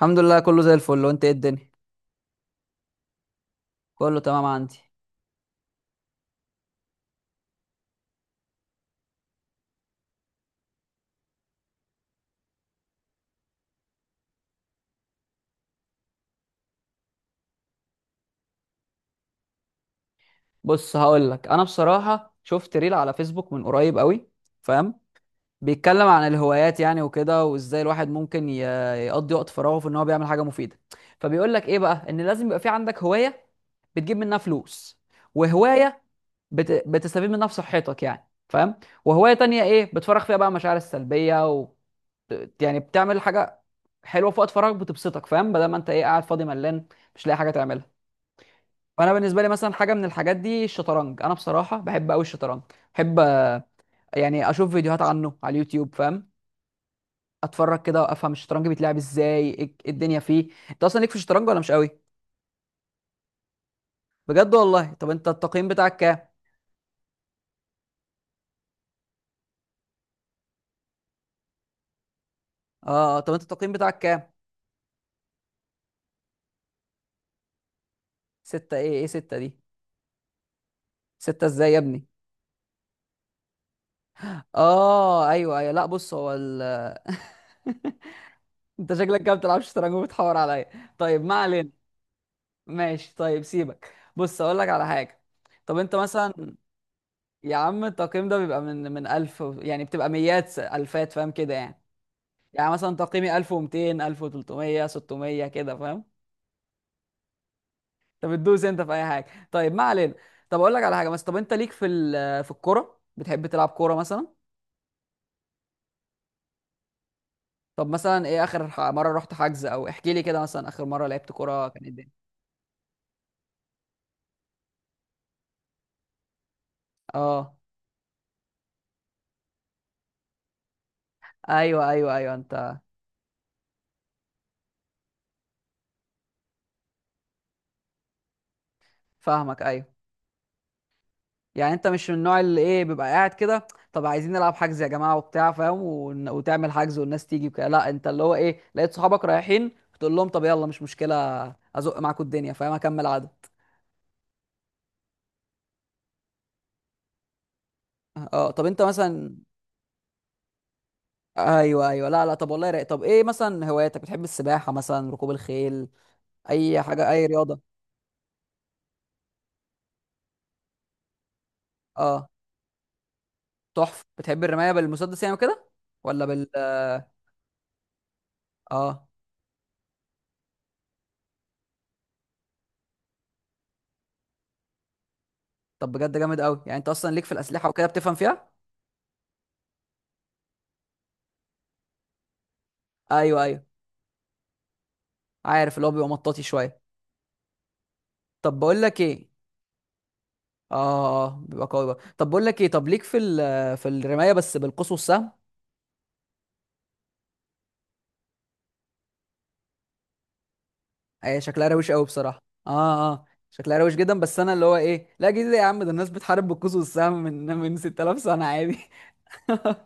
الحمد لله كله زي الفل. وانت ايه الدنيا؟ كله تمام عندي. بص هقول لك، انا بصراحه شفت ريل على فيسبوك من قريب قوي، فاهم؟ بيتكلم عن الهوايات يعني وكده، وازاي الواحد ممكن يقضي وقت فراغه في ان هو بيعمل حاجه مفيده. فبيقول لك ايه بقى، ان لازم يبقى في عندك هوايه بتجيب منها فلوس، وهوايه بتستفيد منها في صحتك يعني، فاهم؟ وهوايه تانية ايه، بتفرغ فيها بقى مشاعر السلبيه يعني بتعمل حاجه حلوه في وقت فراغك بتبسطك، فاهم؟ بدل ما انت ايه، قاعد فاضي ملان مش لاقي حاجه تعملها. فانا بالنسبه لي مثلا، حاجه من الحاجات دي الشطرنج. انا بصراحه بحب قوي الشطرنج، بحب يعني اشوف فيديوهات عنه على اليوتيوب، فاهم؟ اتفرج كده وافهم الشطرنج بيتلعب ازاي. إيه؟ إيه الدنيا فيه؟ انت اصلا ليك في الشطرنج ولا مش قوي؟ بجد والله؟ طب انت التقييم بتاعك كام؟ اه، طب انت التقييم بتاعك كام؟ ستة؟ ايه ايه ستة دي؟ ستة ازاي يا ابني؟ اه ايوه ايوه، لا بص، هو ال انت شكلك كده بتلعبش شطرنج وبتحور عليا. طيب ما علينا. ماشي طيب سيبك، بص اقول لك على حاجه. طب انت مثلا، يا عم التقييم ده بيبقى من 1000 يعني بتبقى ميات الفات، فاهم كده يعني؟ يعني مثلا تقييمي 1200، 1300، 600 كده، فاهم؟ انت بتدوس انت في اي حاجه. طيب ما علينا. طب اقول لك على حاجه مثلا، طب انت ليك في في الكوره؟ بتحب تلعب كوره مثلا؟ طب مثلا ايه اخر مره رحت حجز؟ او احكي لي كده مثلا، اخر مره لعبت كوره كان ايه الدنيا؟ اه ايوه ايوه ايوه، انت فاهمك ايوه. يعني انت مش من النوع اللي ايه، بيبقى قاعد كده، طب عايزين نلعب حجز يا جماعه وبتاع، فاهم؟ وتعمل حجز والناس تيجي وكده. لا انت اللي هو ايه، لقيت صحابك رايحين تقول لهم طب يلا مش مشكله، ازق معاكم الدنيا، فاهم؟ اكمل عدد. اه طب انت مثلا، ايوه ايوه، لا لا طب، والله رايق. طب ايه مثلا هواياتك؟ بتحب السباحه مثلا، ركوب الخيل، اي حاجه، اي رياضه؟ اه، تحفه. بتحب الرمايه بالمسدس يعني وكده، ولا بال؟ اه، طب بجد جامد قوي. يعني انت اصلا ليك في الاسلحه وكده، بتفهم فيها؟ ايوه ايوه، عارف اللي هو بيبقى مطاطي شويه. طب بقول لك ايه، اه، بيبقى قوي بقى. طب بقول لك ايه، طب ليك في في الرمايه بس بالقوس والسهم؟ ايه شكلها روش قوي بصراحه، اه اه. شكلها روش جدا، بس انا اللي هو ايه، لا جديد يا عم، ده الناس بتحارب بالقوس والسهم من 6000 سنه عادي.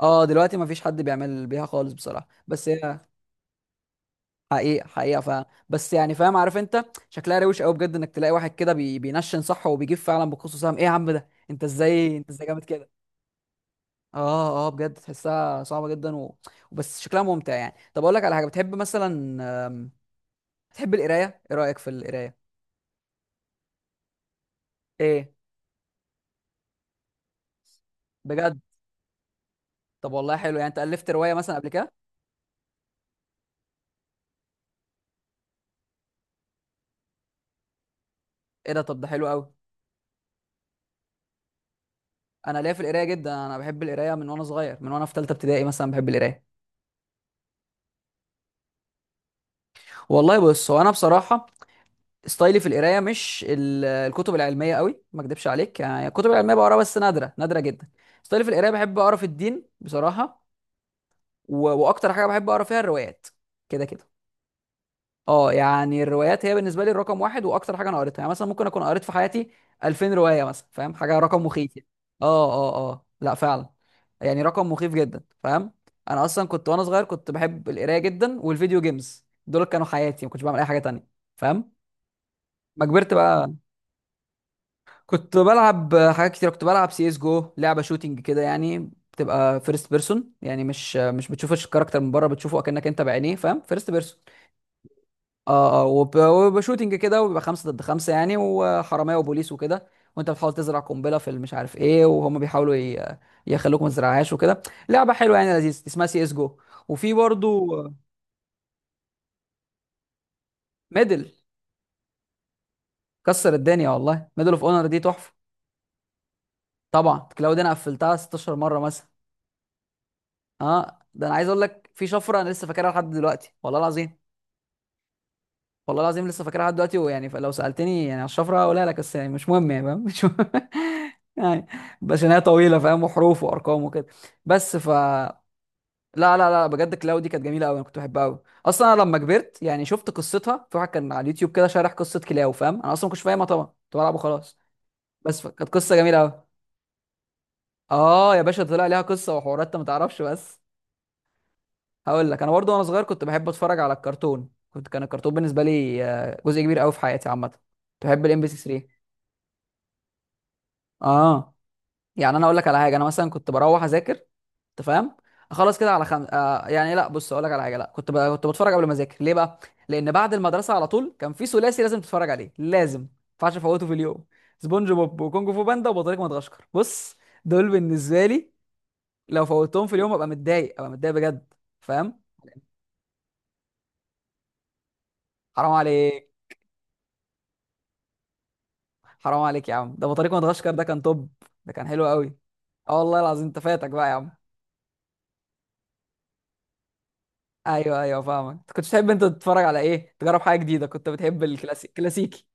اه دلوقتي مفيش حد بيعمل بيها خالص بصراحه، بس هي حقيقه حقيقه، فاهم؟ بس يعني، فاهم؟ عارف انت شكلها روش قوي بجد، انك تلاقي واحد كده بينشن صح وبيجيب فعلا بالقوس والسهم؟ ايه يا عم ده، انت ازاي، انت ازاي جامد كده؟ اه اه، بجد تحسها صعبة جدا وبس شكلها ممتع يعني. طب اقول لك على حاجة، بتحب مثلا، آم، بتحب القراية؟ ايه رأيك في القراية؟ ايه؟ بجد؟ طب والله حلو. يعني انت ألفت رواية مثلا قبل كده؟ ايه ده؟ طب ده حلو قوي. انا ليا في القراية جدا، انا بحب القراية من وانا صغير، من وانا في ثالثة ابتدائي مثلا بحب القراية. والله بص، هو انا بصراحة ستايلي في القراية مش الكتب العلمية قوي، ما اكدبش عليك، يعني الكتب العلمية بقراها بس نادرة نادرة جدا. ستايلي في القراية بحب اقرا في الدين بصراحة، واكتر حاجة بحب اقرا فيها الروايات. كده كده اه، يعني الروايات هي بالنسبه لي الرقم واحد. واكتر حاجه انا قريتها، يعني مثلا ممكن اكون قريت في حياتي 2000 روايه مثلا، فاهم؟ حاجه رقم مخيف يعني. اه اه اه، لا فعلا يعني رقم مخيف جدا، فاهم؟ انا اصلا كنت وانا صغير كنت بحب القرايه جدا، والفيديو جيمز دول كانوا حياتي، ما كنتش بعمل اي حاجه تانية، فاهم؟ ما كبرت بقى، كنت بلعب حاجات كتير. كنت بلعب سي اس جو، لعبه شوتينج كده يعني، بتبقى فيرست بيرسون، يعني مش بتشوفش الكاركتر من بره، بتشوفه اكنك انت بعينيه، فاهم؟ فيرست بيرسون. اه اه، وبيبقى شوتنج كده، وبيبقى خمسة ضد خمسة يعني، وحرامية وبوليس وكده، وانت بتحاول تزرع قنبلة في مش عارف ايه، وهم بيحاولوا يخلوك ما تزرعهاش وكده. لعبة حلوة يعني، لذيذة، اسمها سي اس جو. وفي برضو ميدل، كسر الدنيا والله، ميدل اوف اونر دي تحفة. طبعا لو دي انا قفلتها 16 مرة مثلا. اه ده انا عايز اقول لك، في شفرة انا لسه فاكرها لحد دلوقتي والله العظيم، والله العظيم لسه فاكرها لحد دلوقتي. ويعني فلو سالتني يعني على الشفره هقولها لك، بس يعني مش مهم يعني، فاهم؟ مش مهم. يعني بس إن هي طويله، فاهم؟ وحروف وارقام وكده، بس ف لا لا لا، بجد كلاو دي كانت جميله قوي، انا كنت بحبها قوي. اصلا انا لما كبرت يعني شفت قصتها في واحد كان على اليوتيوب كده شارح قصه كلاو، فاهم؟ انا اصلا ما كنتش فاهمها طبعا، كنت بلعبه خلاص. كانت قصه جميله قوي. اه يا باشا، طلع ليها قصه وحوارات انت ما تعرفش. بس هقول لك انا برضو، وانا صغير كنت بحب اتفرج على الكرتون. كنت، كان الكرتون بالنسبه لي جزء كبير قوي في حياتي عامه. كنت بحب الام بي سي 3. اه يعني انا اقول لك على حاجه، انا مثلا كنت بروح اذاكر، انت فاهم، اخلص كده على خم... آه يعني لا بص اقول لك على حاجه، لا كنت كنت بتفرج قبل ما اذاكر. ليه بقى؟ لان بعد المدرسه على طول كان في ثلاثي لازم تتفرج عليه، لازم ما ينفعش افوته في اليوم: سبونج بوب، وكونج فو باندا، وبطريق مدغشقر. بص دول بالنسبه لي، لو فوتهم في اليوم ابقى متضايق، ابقى متضايق بجد، فاهم؟ حرام عليك، حرام عليك يا عم، ده بطريق مدغشقر ده كان توب، ده كان حلو قوي. اه والله العظيم، انت فاتك بقى يا عم. ايوه ايوه فاهمك، انت كنت بتحب انت تتفرج على ايه، تجرب حاجه جديده، كنت بتحب الكلاسيك، كلاسيكي.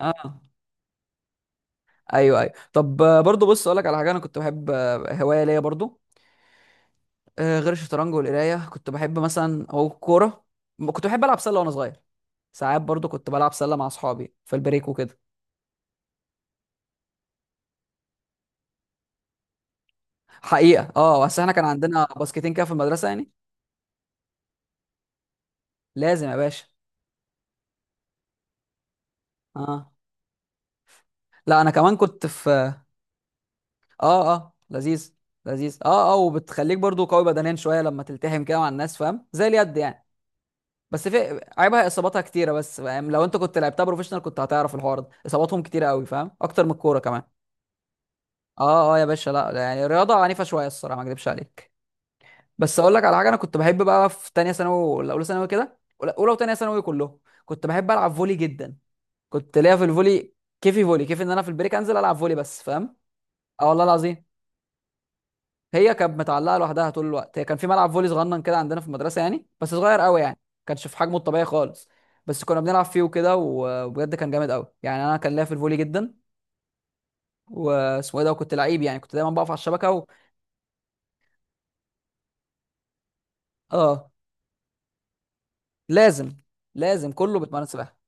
اه ايوه ايوه. طب برضو بص اقول لك على حاجه، انا كنت بحب هوايه ليا برضو، غير الشطرنج والقرايه، كنت بحب مثلا او كوره. كنت بحب العب سله وانا صغير. ساعات برضو كنت بلعب سله مع اصحابي في البريك وكده. حقيقه اه، بس احنا كان عندنا باسكتين كده في المدرسه يعني. لازم يا باشا. اه لا انا كمان كنت في، اه اه لذيذ، لذيذ اه اه. وبتخليك برضو قوي بدنيا شويه، لما تلتحم كده مع الناس، فاهم؟ زي اليد يعني. بس في عيبها، اصاباتها كتيره بس، فاهم؟ لو انت كنت لعبتها بروفيشنال كنت هتعرف الحوار ده، اصاباتهم كتيره قوي، فاهم؟ اكتر من الكوره كمان. اه اه يا باشا، لا لا، يعني رياضه عنيفه شويه الصراحه، ما اكذبش عليك. بس اقول لك على حاجه، انا كنت بحب بقى، في تانية ثانوي ولا اولى ثانوي كده، ولا اولى وتانية ثانوي كلهم، كنت بحب العب فولي جدا. كنت ليا في الفولي، كيفي فولي كيف، ان انا في البريك انزل العب فولي بس، فاهم؟ اه والله العظيم. هي كانت متعلقه لوحدها طول الوقت. هي كان في ملعب فولي صغنن كده عندنا في المدرسه يعني، بس صغير قوي يعني، ما كانش في حجمه الطبيعي خالص. بس كنا بنلعب فيه وكده، وبجد كان جامد قوي يعني، انا كان ليا في الفولي جدا، واسمه ايه ده. وكنت لعيب يعني، كنت دايما بقف على الشبكه اه لازم، لازم كله بيتمرن سباحه.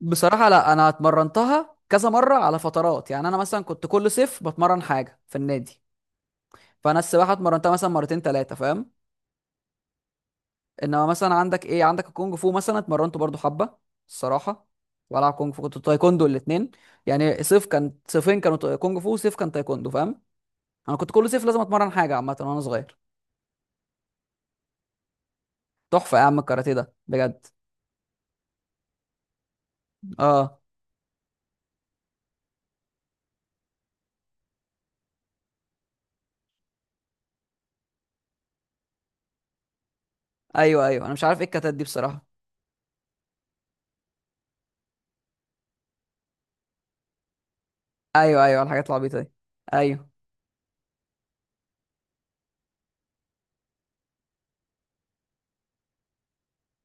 بصراحه لا، انا اتمرنتها كذا مره على فترات، يعني انا مثلا كنت كل صيف بتمرن حاجه في النادي. فانا السباحه اتمرنتها مثلا مرتين ثلاثه، فاهم؟ انما مثلا عندك ايه، عندك الكونج فو مثلا اتمرنت برضو حبه الصراحه، والعب كونج فو، كنت تايكوندو الاثنين. يعني صيف كان، صيفين كانوا كونج فو، وصيف كان تايكوندو، فاهم؟ انا كنت كل صيف لازم اتمرن حاجه عامه وانا صغير. تحفه يا عم الكاراتيه ده بجد. اه ايوه ايوه، انا مش عارف ايه الكتات دي بصراحه. ايوه ايوه الحاجات العبيطه دي، ايوه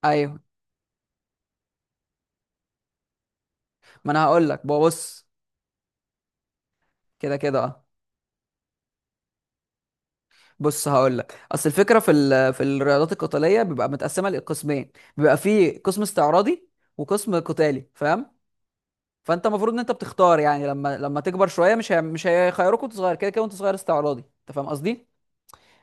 ايوه. ما انا هقول لك بص، كده كده اه. بص هقول لك، اصل الفكره في في الرياضات القتاليه بيبقى متقسمه لقسمين: بيبقى في قسم استعراضي، وقسم قتالي، فاهم؟ فانت المفروض ان انت بتختار يعني، لما تكبر شويه. مش مش هيخيروك وانت صغير كده كده وانت صغير استعراضي، انت فاهم قصدي؟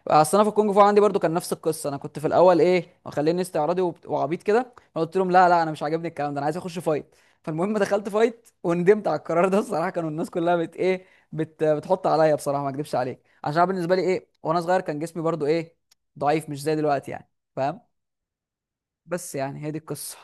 اصل انا في الكونج فو عندي برضو كان نفس القصه، انا كنت في الاول ايه، مخليني استعراضي وعبيط كده، فقلت لهم لا لا انا مش عاجبني الكلام ده، انا عايز اخش فايت. فالمهم دخلت فايت وندمت على القرار ده الصراحه، كانوا الناس كلها بتحط عليا بصراحه، ما اكدبش عليك، عشان أنا بالنسبه لي ايه، وانا صغير كان جسمي برضو ايه، ضعيف، مش زي دلوقتي يعني، فاهم؟ بس يعني هي دي القصه.